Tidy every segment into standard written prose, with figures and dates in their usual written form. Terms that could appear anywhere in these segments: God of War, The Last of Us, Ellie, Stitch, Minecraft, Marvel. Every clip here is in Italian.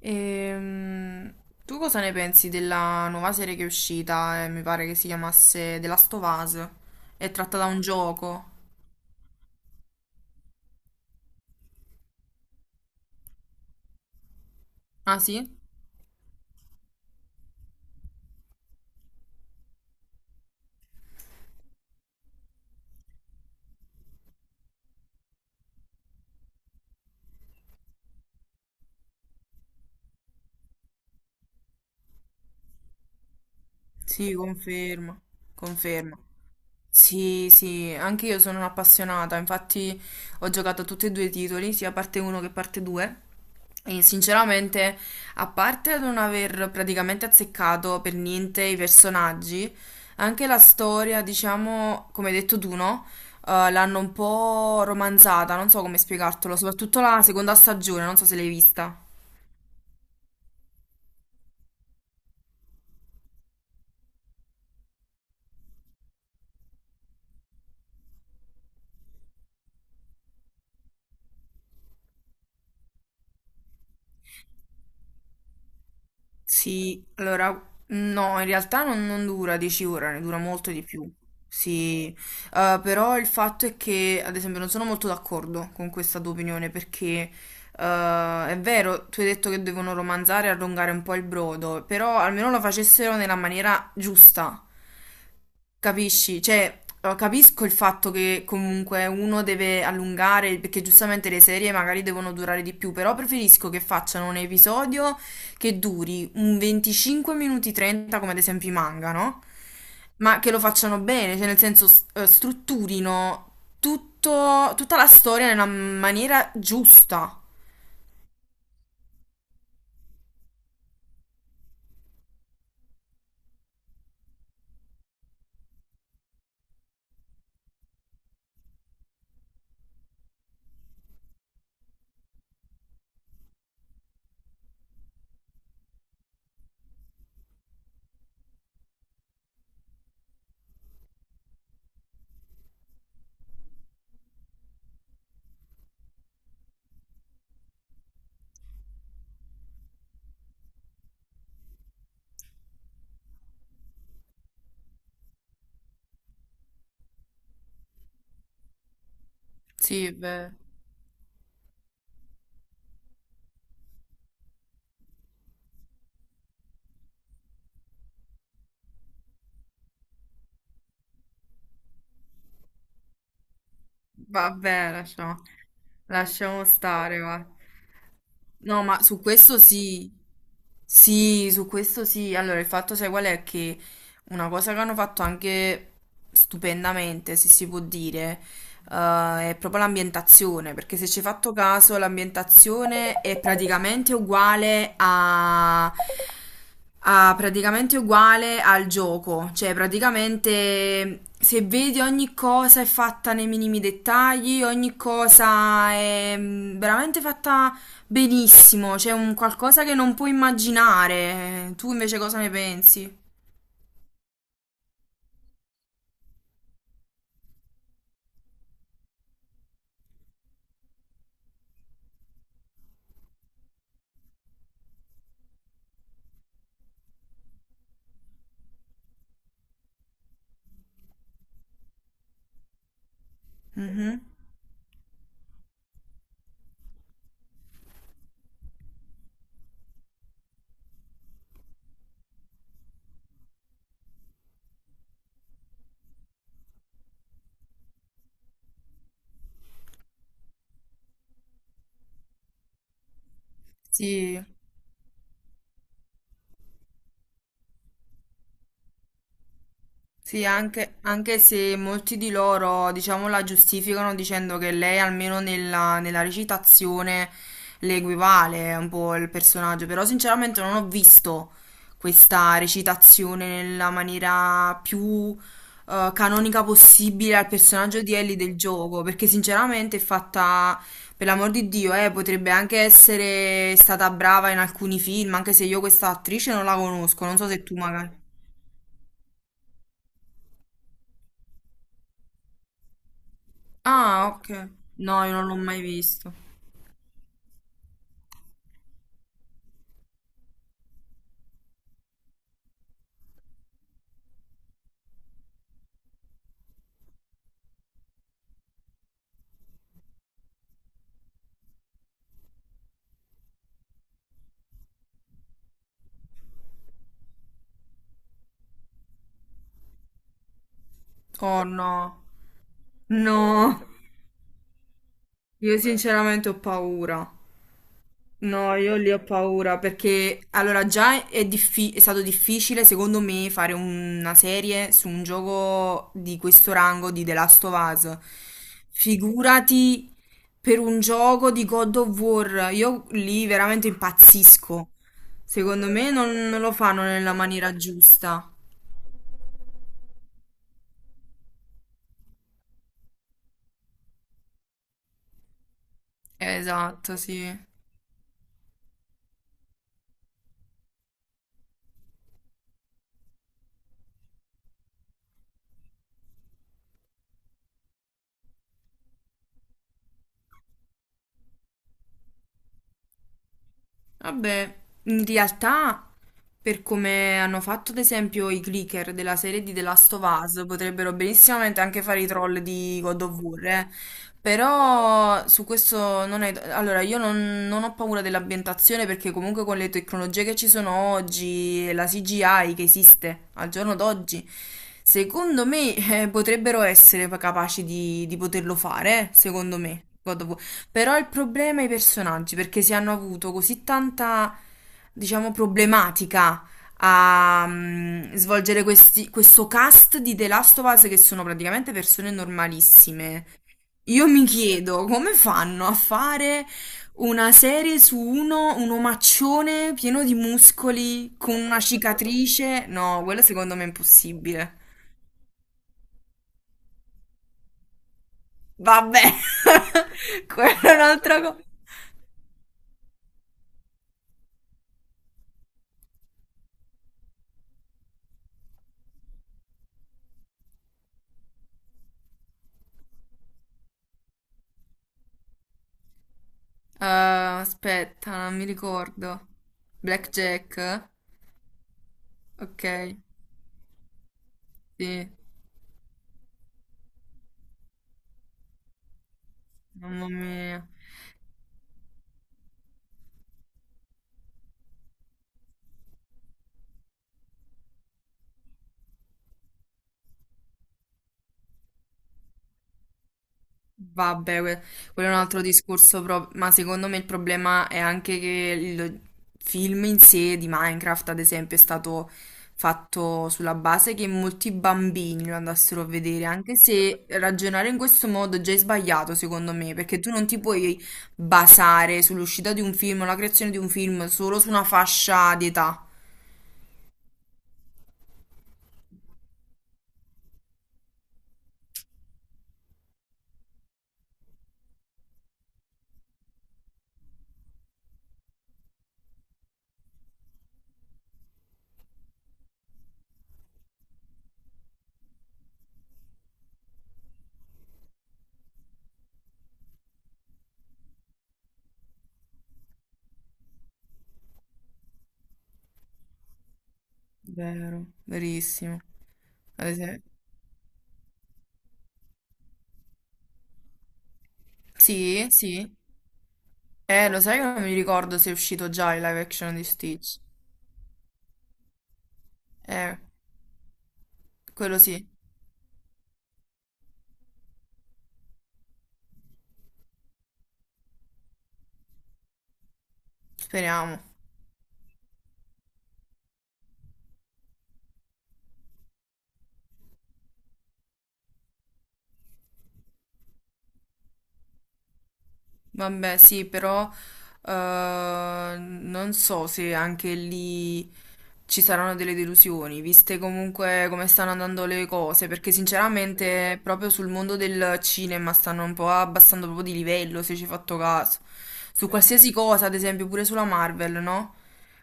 Ehm, Tu cosa ne pensi della nuova serie che è uscita? Mi pare che si chiamasse The Last of Us. È tratta da un gioco. Ah sì? Sì, confermo. Confermo. Sì, sì, anche io sono un'appassionata, infatti ho giocato a tutti e due i titoli, sia parte 1 che parte 2. E sinceramente, a parte non aver praticamente azzeccato per niente i personaggi, anche la storia, diciamo, come hai detto tu, no? L'hanno un po' romanzata, non so come spiegartelo, soprattutto la seconda stagione, non so se l'hai vista. Sì, allora, no, in realtà non dura 10 ore, ne dura molto di più. Sì, però il fatto è che, ad esempio, non sono molto d'accordo con questa tua opinione perché è vero, tu hai detto che devono romanzare e allungare un po' il brodo, però almeno lo facessero nella maniera giusta. Capisci? Cioè, capisco il fatto che comunque uno deve allungare, perché giustamente le serie magari devono durare di più, però preferisco che facciano un episodio che duri un 25 minuti 30, come ad esempio i manga, no? Ma che lo facciano bene, cioè nel senso strutturino tutta la storia nella maniera giusta. Sì, beh, vabbè, lasciamo stare, va. No, ma su questo sì. Sì, su questo sì. Allora, il fatto, sai qual è? Che una cosa che hanno fatto anche stupendamente, se si può dire, è proprio l'ambientazione, perché se ci hai fatto caso, l'ambientazione è praticamente uguale praticamente uguale al gioco, cioè praticamente se vedi ogni cosa è fatta nei minimi dettagli, ogni cosa è veramente fatta benissimo, c'è un qualcosa che non puoi immaginare. Tu invece cosa ne pensi? Mhm. Sì, sì, anche se molti di loro, diciamo, la giustificano dicendo che lei almeno nella recitazione le equivale un po' il personaggio, però sinceramente non ho visto questa recitazione nella maniera più canonica possibile al personaggio di Ellie del gioco, perché sinceramente è fatta, per l'amor di Dio, potrebbe anche essere stata brava in alcuni film, anche se io questa attrice non la conosco, non so se tu magari... Ah, ok. No, io non l'ho mai visto. Oh no. No, io sinceramente ho paura. No, io lì ho paura perché allora già è stato difficile secondo me fare una serie su un gioco di questo rango di The Last of Us. Figurati per un gioco di God of War, io lì veramente impazzisco. Secondo me non lo fanno nella maniera giusta. Esatto, sì. Vabbè, in realtà, per come hanno fatto ad esempio i clicker della serie di The Last of Us, potrebbero benissimamente anche fare i troll di God of War, eh. Però su questo non è... Allora, io non, non ho paura dell'ambientazione perché comunque con le tecnologie che ci sono oggi, e la CGI che esiste al giorno d'oggi, secondo me potrebbero essere capaci di poterlo fare, secondo me. God of War. Però il problema è i personaggi, perché si hanno avuto così tanta, diciamo, problematica a svolgere questo cast di The Last of Us che sono praticamente persone normalissime. Io mi chiedo come fanno a fare una serie su uno, un omaccione pieno di muscoli con una cicatrice? No, quello secondo me è impossibile. Vabbè, quella è un'altra cosa. Ah, aspetta, non mi ricordo. Blackjack? Ok, sì, mamma mia. Vabbè, quello è un altro discorso, ma secondo me il problema è anche che il film in sé di Minecraft, ad esempio, è stato fatto sulla base che molti bambini lo andassero a vedere, anche se ragionare in questo modo già è sbagliato, secondo me, perché tu non ti puoi basare sull'uscita di un film o la creazione di un film solo su una fascia di età. Vero, verissimo. Ad esempio... Sì, sì. Lo sai che non mi ricordo se è uscito già il live action di Stitch. Eh, quello sì, speriamo. Vabbè, sì, però eh, non so se anche lì ci saranno delle delusioni, viste comunque come stanno andando le cose, perché sinceramente proprio sul mondo del cinema stanno un po' abbassando proprio di livello, se ci hai fatto caso. Su qualsiasi cosa, ad esempio, pure sulla Marvel, no?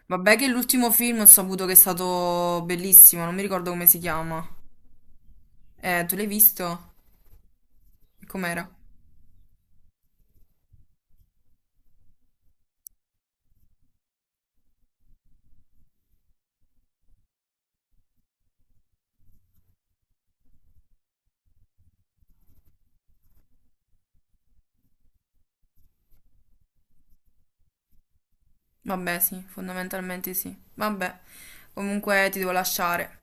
Vabbè che l'ultimo film ho saputo che è stato bellissimo, non mi ricordo come si chiama. Tu l'hai visto? Com'era? Vabbè, sì, fondamentalmente sì. Vabbè, comunque ti devo lasciare.